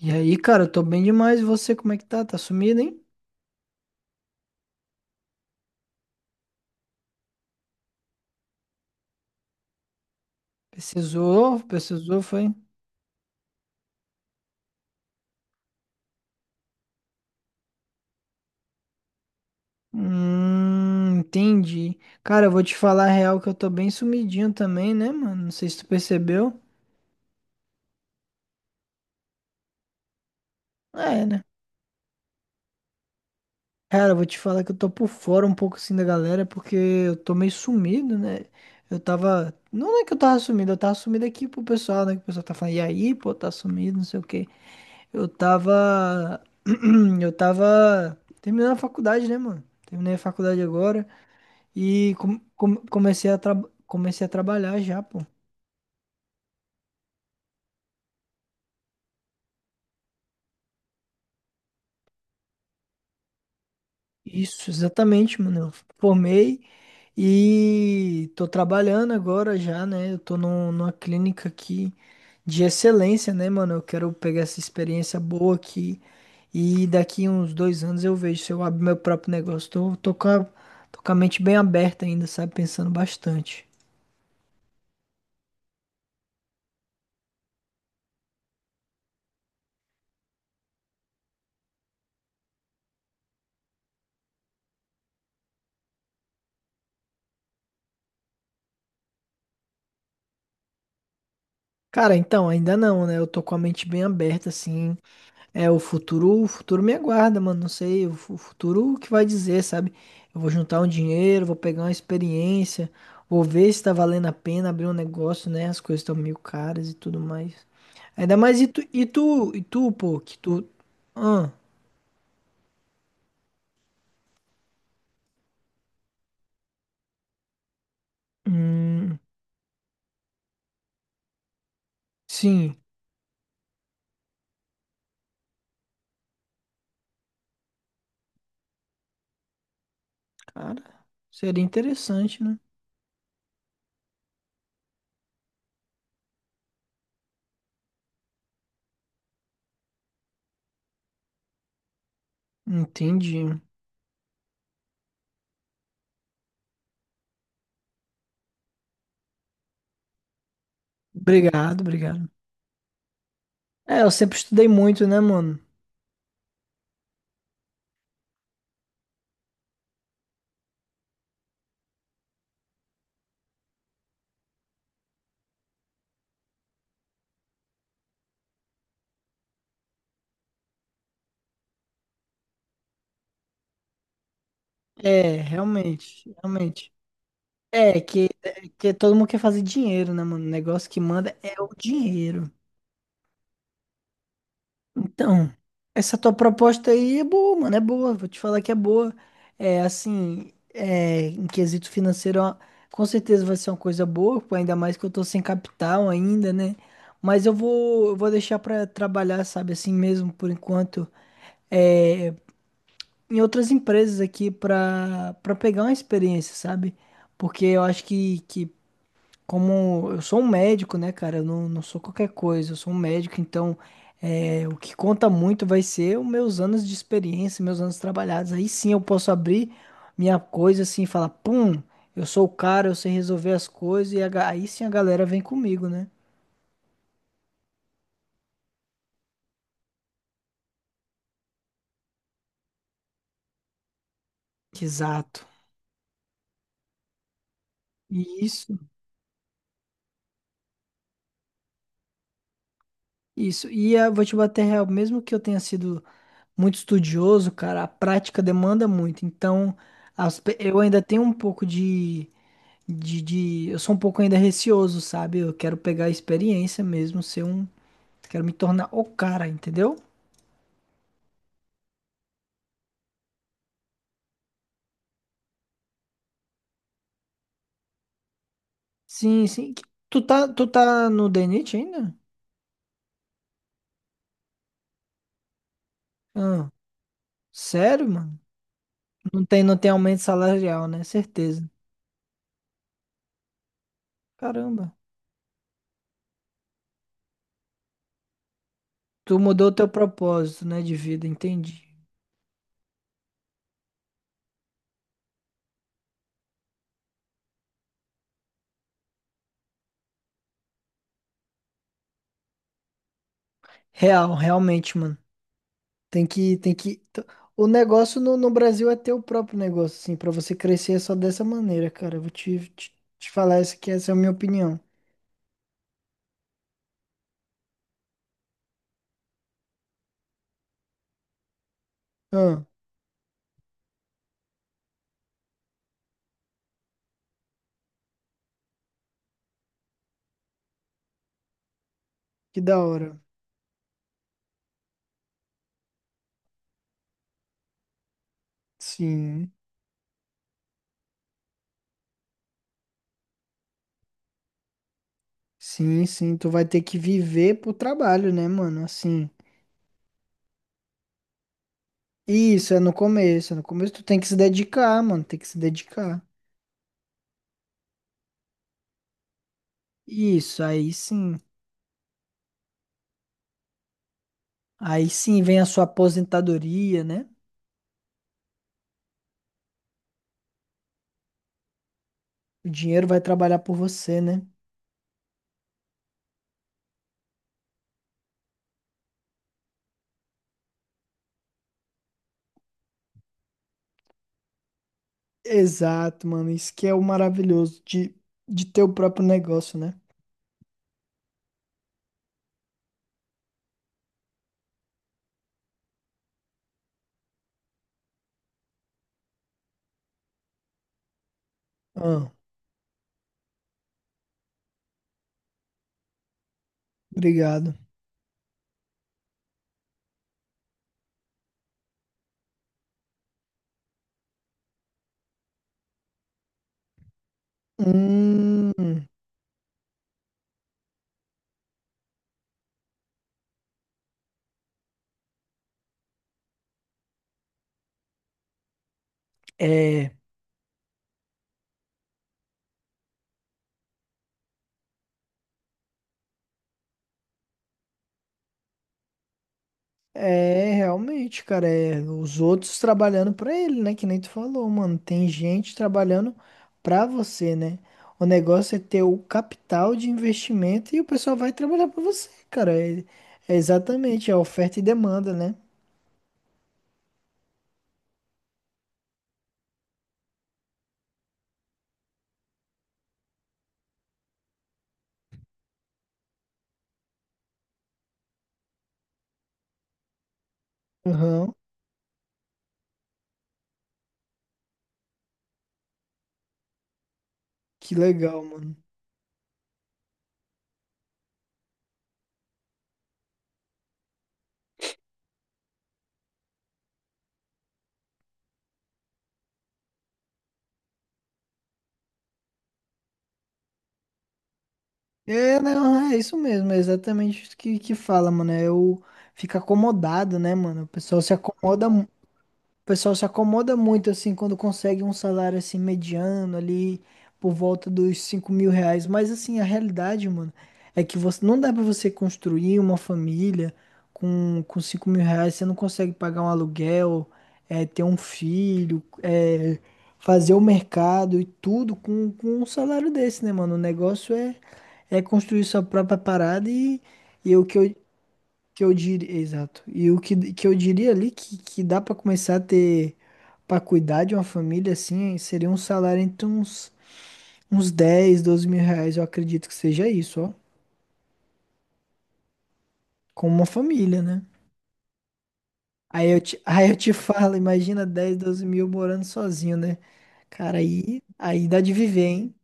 E aí, cara, eu tô bem demais. E você, como é que tá? Tá sumido, hein? Precisou, precisou, foi? Entendi. Cara, eu vou te falar a real que eu tô bem sumidinho também, né, mano? Não sei se tu percebeu. É, né? Cara, eu vou te falar que eu tô por fora um pouco assim da galera, porque eu tô meio sumido, né? Eu tava. Não é que eu tava sumido aqui pro pessoal, né? Que o pessoal tá falando, e aí, pô, tá sumido, não sei o quê. Eu tava. Eu tava terminando a faculdade, né, mano? Terminei a faculdade agora. Comecei a comecei a trabalhar já, pô. Isso, exatamente, mano. Eu formei e tô trabalhando agora já, né? Numa clínica aqui de excelência, né, mano? Eu quero pegar essa experiência boa aqui e daqui uns 2 anos eu vejo se eu abro meu próprio negócio. Tô com a mente bem aberta ainda, sabe? Pensando bastante. Cara, então, ainda não, né? Eu tô com a mente bem aberta, assim. O futuro me aguarda, mano. Não sei, o futuro que vai dizer, sabe? Eu vou juntar um dinheiro, vou pegar uma experiência, vou ver se tá valendo a pena abrir um negócio, né? As coisas estão meio caras e tudo mais. Ainda mais e tu, pô, que tu. Ah, hum, sim, cara, seria interessante, né? Entendi. Obrigado, obrigado. É, eu sempre estudei muito, né, mano? É, realmente, realmente. É que todo mundo quer fazer dinheiro, né, mano? O negócio que manda é o dinheiro. Então, essa tua proposta aí é boa, mano, é boa. Vou te falar que é boa. Em quesito financeiro, ó, com certeza vai ser uma coisa boa, pô, ainda mais que eu tô sem capital ainda, né? Mas eu vou deixar pra trabalhar, sabe, assim mesmo, por enquanto, é, em outras empresas aqui pra pegar uma experiência, sabe? Porque eu acho que como eu sou um médico, né, cara? Eu não, não sou qualquer coisa, eu sou um médico, então é, o que conta muito vai ser os meus anos de experiência, meus anos trabalhados. Aí sim eu posso abrir minha coisa assim e falar, pum, eu sou o cara, eu sei resolver as coisas, e aí sim a galera vem comigo, né? Exato. Isso, isso. E eu vou te bater real, mesmo que eu tenha sido muito estudioso, cara, a prática demanda muito. Então, eu ainda tenho um pouco de eu sou um pouco ainda receoso, sabe? Eu quero pegar a experiência mesmo, ser um. Quero me tornar o cara, entendeu? Sim, sim. Que- tu tá no DNIT ainda? Ah, sério, mano? Não tem, não tem aumento salarial, né? Certeza. Caramba. Tu mudou o teu propósito, né, de vida, entendi. Real, realmente, mano. Tem que, tem que. t- O negócio no Brasil é ter o próprio negócio, assim, pra você crescer é só dessa maneira, cara. Eu vou te falar essa que essa é a minha opinião. Ah, que da hora. Sim, sim, sim. Tu vai ter que viver pro trabalho, né, mano? Assim. Isso, é no começo. É no começo tu tem que se dedicar, mano. Tem que se dedicar. Isso, aí sim. Aí sim vem a sua aposentadoria, né? O dinheiro vai trabalhar por você, né? Exato, mano. Isso que é o maravilhoso de ter o próprio negócio, né? Ah, obrigado. Hum, é. É, realmente, cara, é os outros trabalhando pra ele, né? Que nem tu falou, mano. Tem gente trabalhando pra você, né? O negócio é ter o capital de investimento e o pessoal vai trabalhar pra você, cara. É, é exatamente, é oferta e demanda, né? Aham, que legal, mano. É, não, é isso mesmo, é exatamente isso que fala, mano. É o fica acomodado, né, mano? O pessoal se acomoda. O pessoal se acomoda muito assim quando consegue um salário assim mediano ali por volta dos R$ 5.000. Mas assim, a realidade, mano, é que você não dá pra você construir uma família com R$ 5.000. Você não consegue pagar um aluguel, é, ter um filho, é, fazer o mercado e tudo com um salário desse, né, mano? É construir sua própria parada e é o que eu diria, exato. E o que, que eu diria ali que dá pra começar a ter pra cuidar de uma família assim, seria um salário uns R$ 10.000 R$ 12.000, eu acredito que seja isso, ó. Com uma família, né? Aí eu te falo, imagina 10.000 12.000 morando sozinho, né? Aí dá de viver, hein?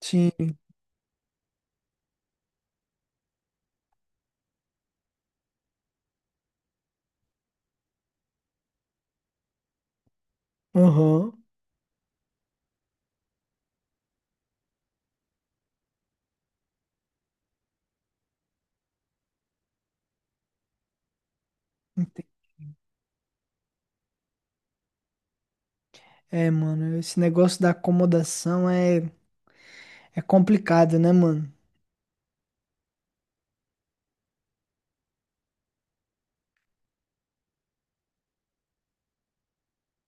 Sim. Aham. Ente- É, mano, esse negócio da acomodação é complicado, né, mano?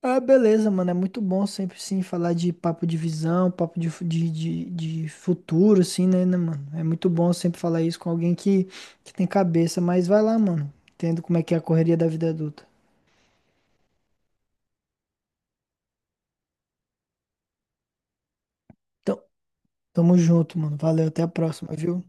Ah, beleza, mano. É muito bom sempre, sim, falar de papo de visão, papo de, fu- de futuro, assim, né, mano? É muito bom sempre falar isso com alguém que tem cabeça. Mas vai lá, mano. Entendo como é que é a correria da vida adulta. Então, tamo junto, mano. Valeu, até a próxima, viu?